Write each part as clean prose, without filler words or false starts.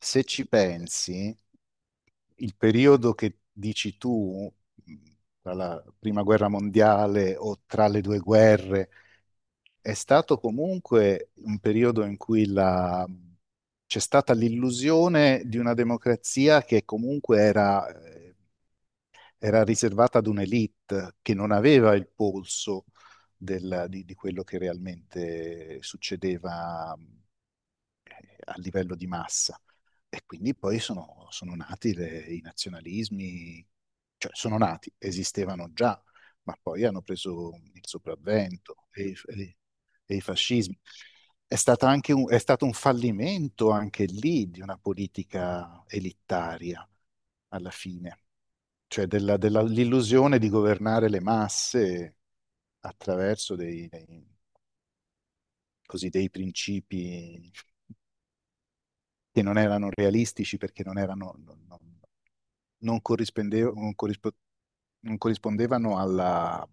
Se ci pensi, il periodo che dici tu, tra la prima guerra mondiale o tra le due guerre, è stato comunque un periodo in cui c'è stata l'illusione di una democrazia che comunque era, era riservata ad un'elite che non aveva il polso di quello che realmente succedeva a livello di massa. E quindi poi sono nati i nazionalismi, cioè sono nati, esistevano già, ma poi hanno preso il sopravvento e i fascismi. È stata anche è stato un fallimento anche lì di una politica elittaria alla fine, cioè l'illusione di governare le masse attraverso così, dei principi che non erano realistici perché non erano, non non corrispondevano alla,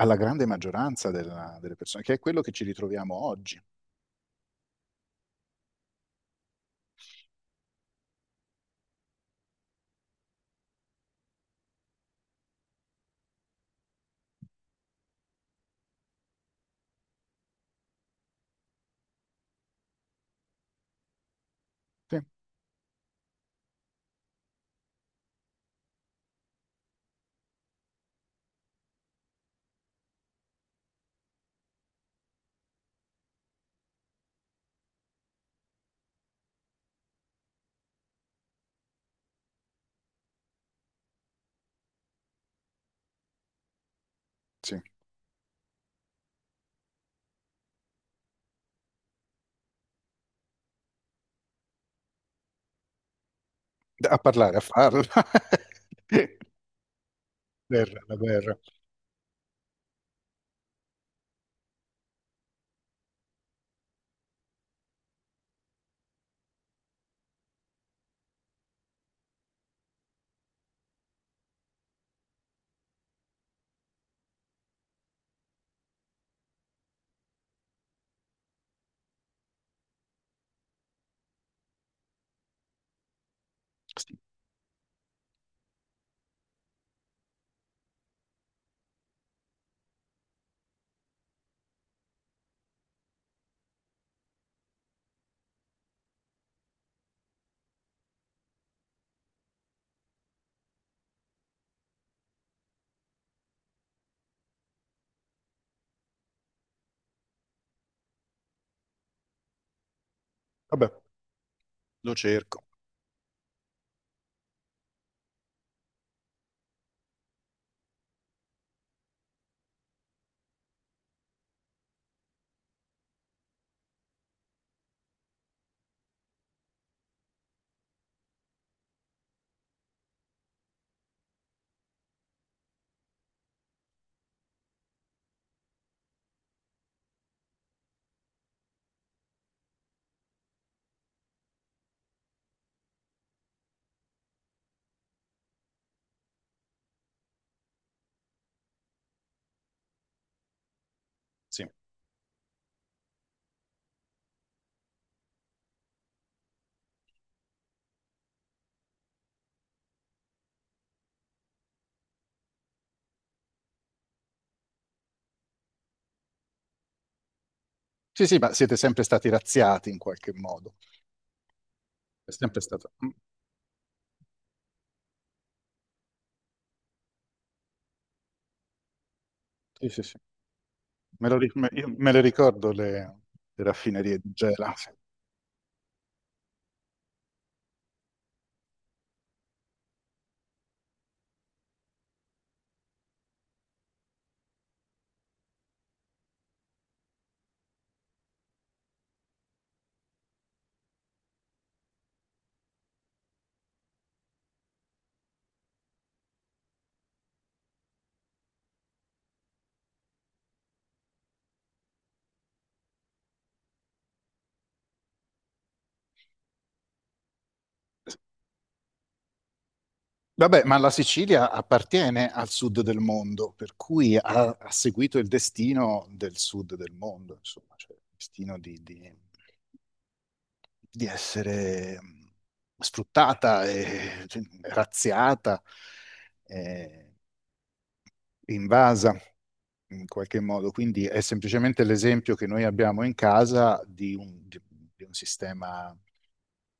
alla grande maggioranza delle persone, che è quello che ci ritroviamo oggi. Sì. A parlare, a farlo. Guerra, la guerra. Sì. Vabbè, lo cerco, sì. Sì, sì, ma siete sempre stati razziati in qualche modo. È sempre stato... sì, sì, sì. Me lo ri- me- io me le ricordo le raffinerie di Gela. Sì. Vabbè, ma la Sicilia appartiene al sud del mondo, per cui ha, ha seguito il destino del sud del mondo, insomma, cioè il destino di essere sfruttata, e, cioè, razziata, eh, invasa in qualche modo. Quindi è semplicemente l'esempio che noi abbiamo in casa di di un sistema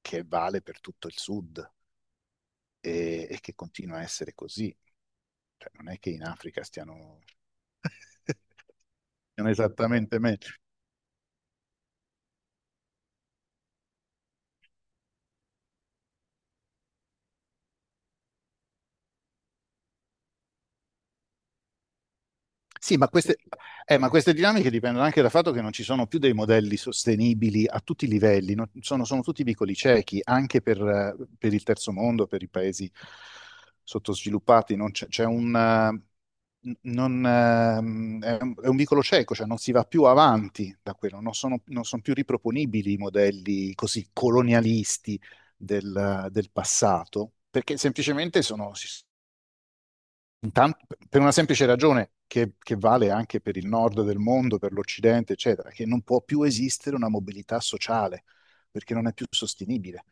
che vale per tutto il sud. E, e che continua a essere così. Cioè, non è che in Africa stiano, stiano esattamente meglio. Sì, ma queste dinamiche dipendono anche dal fatto che non ci sono più dei modelli sostenibili a tutti i livelli, no? Sono, sono tutti vicoli ciechi, anche per il terzo mondo, per i paesi sottosviluppati, non c'è c'è un, non, è un vicolo cieco, cioè non si va più avanti da quello, non sono, non sono più riproponibili i modelli così colonialisti del passato, perché semplicemente sono, si Intan- per una semplice ragione che vale anche per il nord del mondo, per l'Occidente, eccetera, che non può più esistere una mobilità sociale perché non è più sostenibile.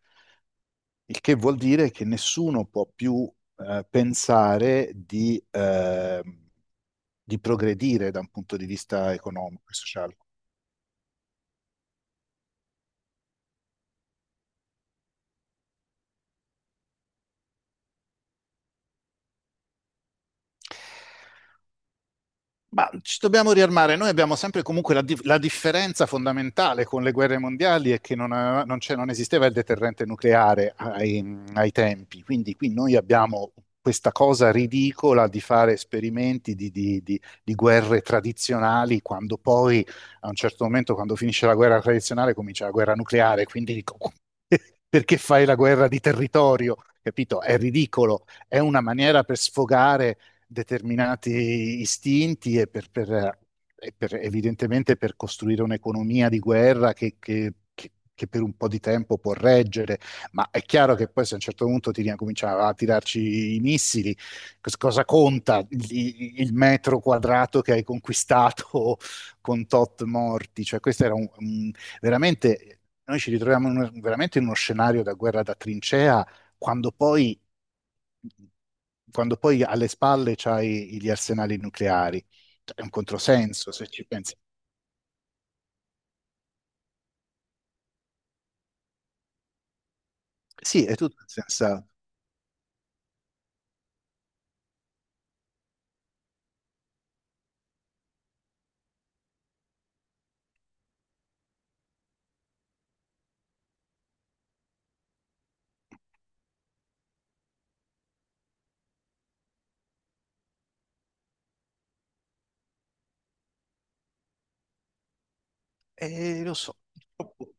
Il che vuol dire che nessuno può più pensare di progredire da un punto di vista economico e sociale. Ma ci dobbiamo riarmare. Noi abbiamo sempre comunque la differenza fondamentale con le guerre mondiali è che non, non esisteva il deterrente nucleare ai tempi. Quindi qui noi abbiamo questa cosa ridicola di fare esperimenti di guerre tradizionali quando poi a un certo momento, quando finisce la guerra tradizionale, comincia la guerra nucleare. Quindi dico, perché fai la guerra di territorio? Capito? È ridicolo. È una maniera per sfogare determinati istinti e evidentemente per costruire un'economia di guerra che per un po' di tempo può reggere, ma è chiaro che poi se a un certo punto ti cominciava a tirarci i missili, cosa conta il metro quadrato che hai conquistato con tot morti? Cioè questo era veramente... Noi ci ritroviamo in veramente in uno scenario da guerra da trincea quando poi, quando poi alle spalle c'hai gli arsenali nucleari, è un controsenso se ci pensi. Sì, è tutto senza... lo so, purtroppo.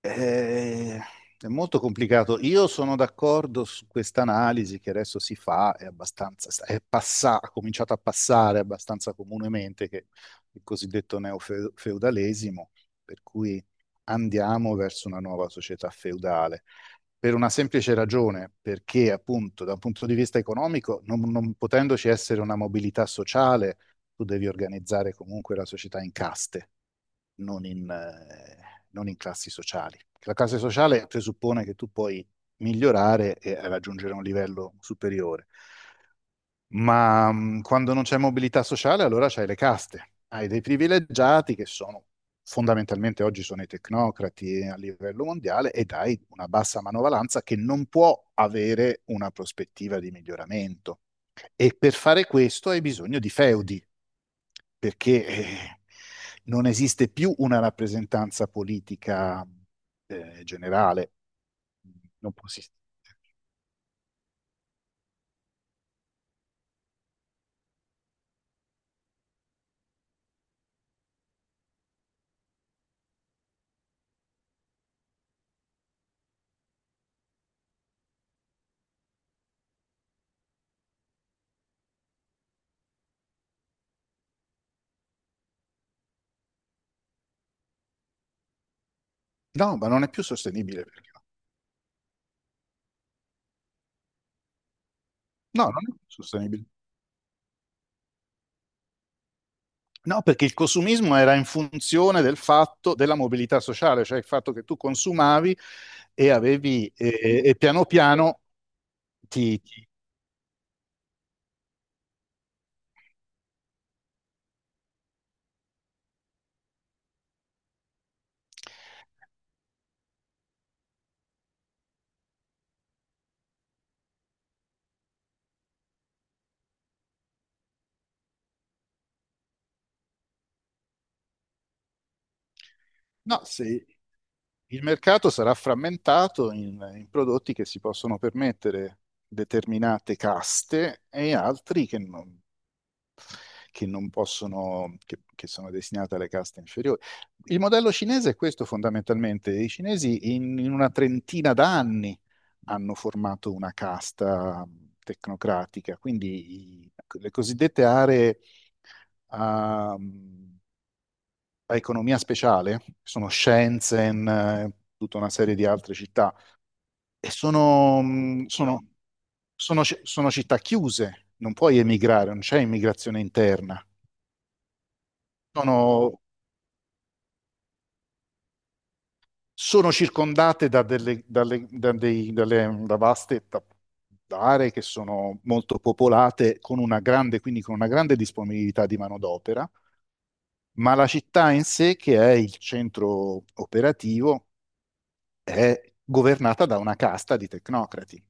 Eh, è molto complicato. Io sono d'accordo su questa analisi che adesso si fa, è abbastanza, è ha cominciato a passare abbastanza comunemente, che il cosiddetto neofeudalesimo, per cui andiamo verso una nuova società feudale. Per una semplice ragione, perché appunto da un punto di vista economico, non potendoci essere una mobilità sociale, tu devi organizzare comunque la società in caste, non non in classi sociali. La classe sociale presuppone che tu puoi migliorare e raggiungere un livello superiore, ma quando non c'è mobilità sociale allora c'hai le caste, hai dei privilegiati che sono fondamentalmente oggi sono i tecnocrati a livello mondiale e dai una bassa manovalanza che non può avere una prospettiva di miglioramento. E per fare questo hai bisogno di feudi, perché non esiste più una rappresentanza politica generale. Non può esistere. No, ma non è più sostenibile, perché no, no, non è più sostenibile. No, perché il consumismo era in funzione del fatto della mobilità sociale, cioè il fatto che tu consumavi e avevi, e piano piano ti... ti- no, sì. Il mercato sarà frammentato in prodotti che si possono permettere determinate caste e altri che non possono, che sono destinati alle caste inferiori. Il modello cinese è questo fondamentalmente. I cinesi in una trentina d'anni hanno formato una casta tecnocratica, quindi le cosiddette aree a economia speciale, che sono Shenzhen, tutta una serie di altre città. E sono, sono, sono sono città chiuse, non puoi emigrare, non c'è immigrazione interna. Sono, sono circondate da, delle, dalle, da dei- dalle- da vaste aree che sono molto popolate, con una grande, quindi con una grande disponibilità di manodopera, ma la città in sé, che è il centro operativo, è governata da una casta di tecnocrati.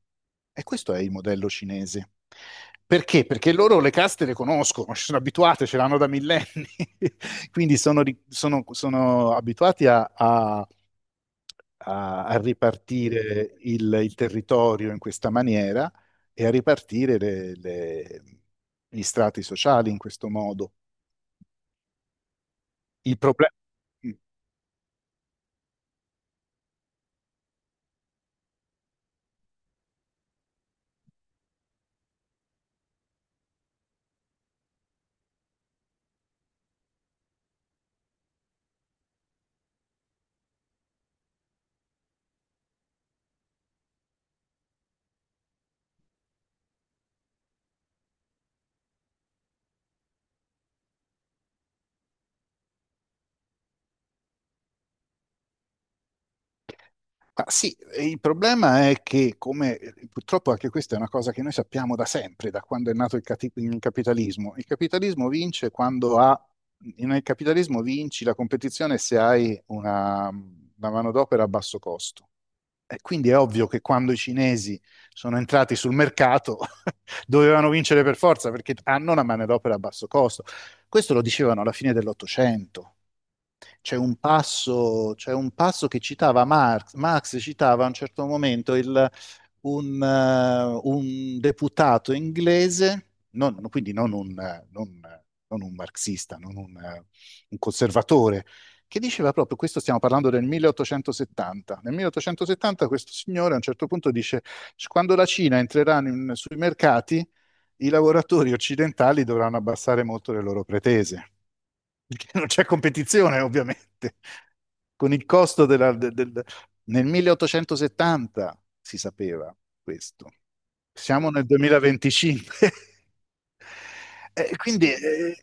E questo è il modello cinese. Perché? Perché loro le caste le conoscono, ci sono abituate, ce l'hanno da millenni, quindi sono, sono abituati a ripartire il territorio in questa maniera e a ripartire gli strati sociali in questo modo. Il problema. Ma sì, e il problema è che, come purtroppo anche questa è una cosa che noi sappiamo da sempre, da quando è nato il capitalismo. Il capitalismo vince quando ha, nel capitalismo vinci la competizione se hai una manodopera a basso costo. E quindi è ovvio che quando i cinesi sono entrati sul mercato dovevano vincere per forza perché hanno una manodopera a basso costo. Questo lo dicevano alla fine dell'Ottocento. C'è un passo che citava Marx. Marx citava a un certo momento un deputato inglese, quindi non non un marxista, non un conservatore, che diceva proprio, questo stiamo parlando del 1870. Nel 1870 questo signore a un certo punto dice, quando la Cina sui mercati, i lavoratori occidentali dovranno abbassare molto le loro pretese perché non c'è competizione, ovviamente. Con il costo del, nel 1870 si sapeva questo. Siamo nel 2025. Quindi,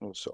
non lo so,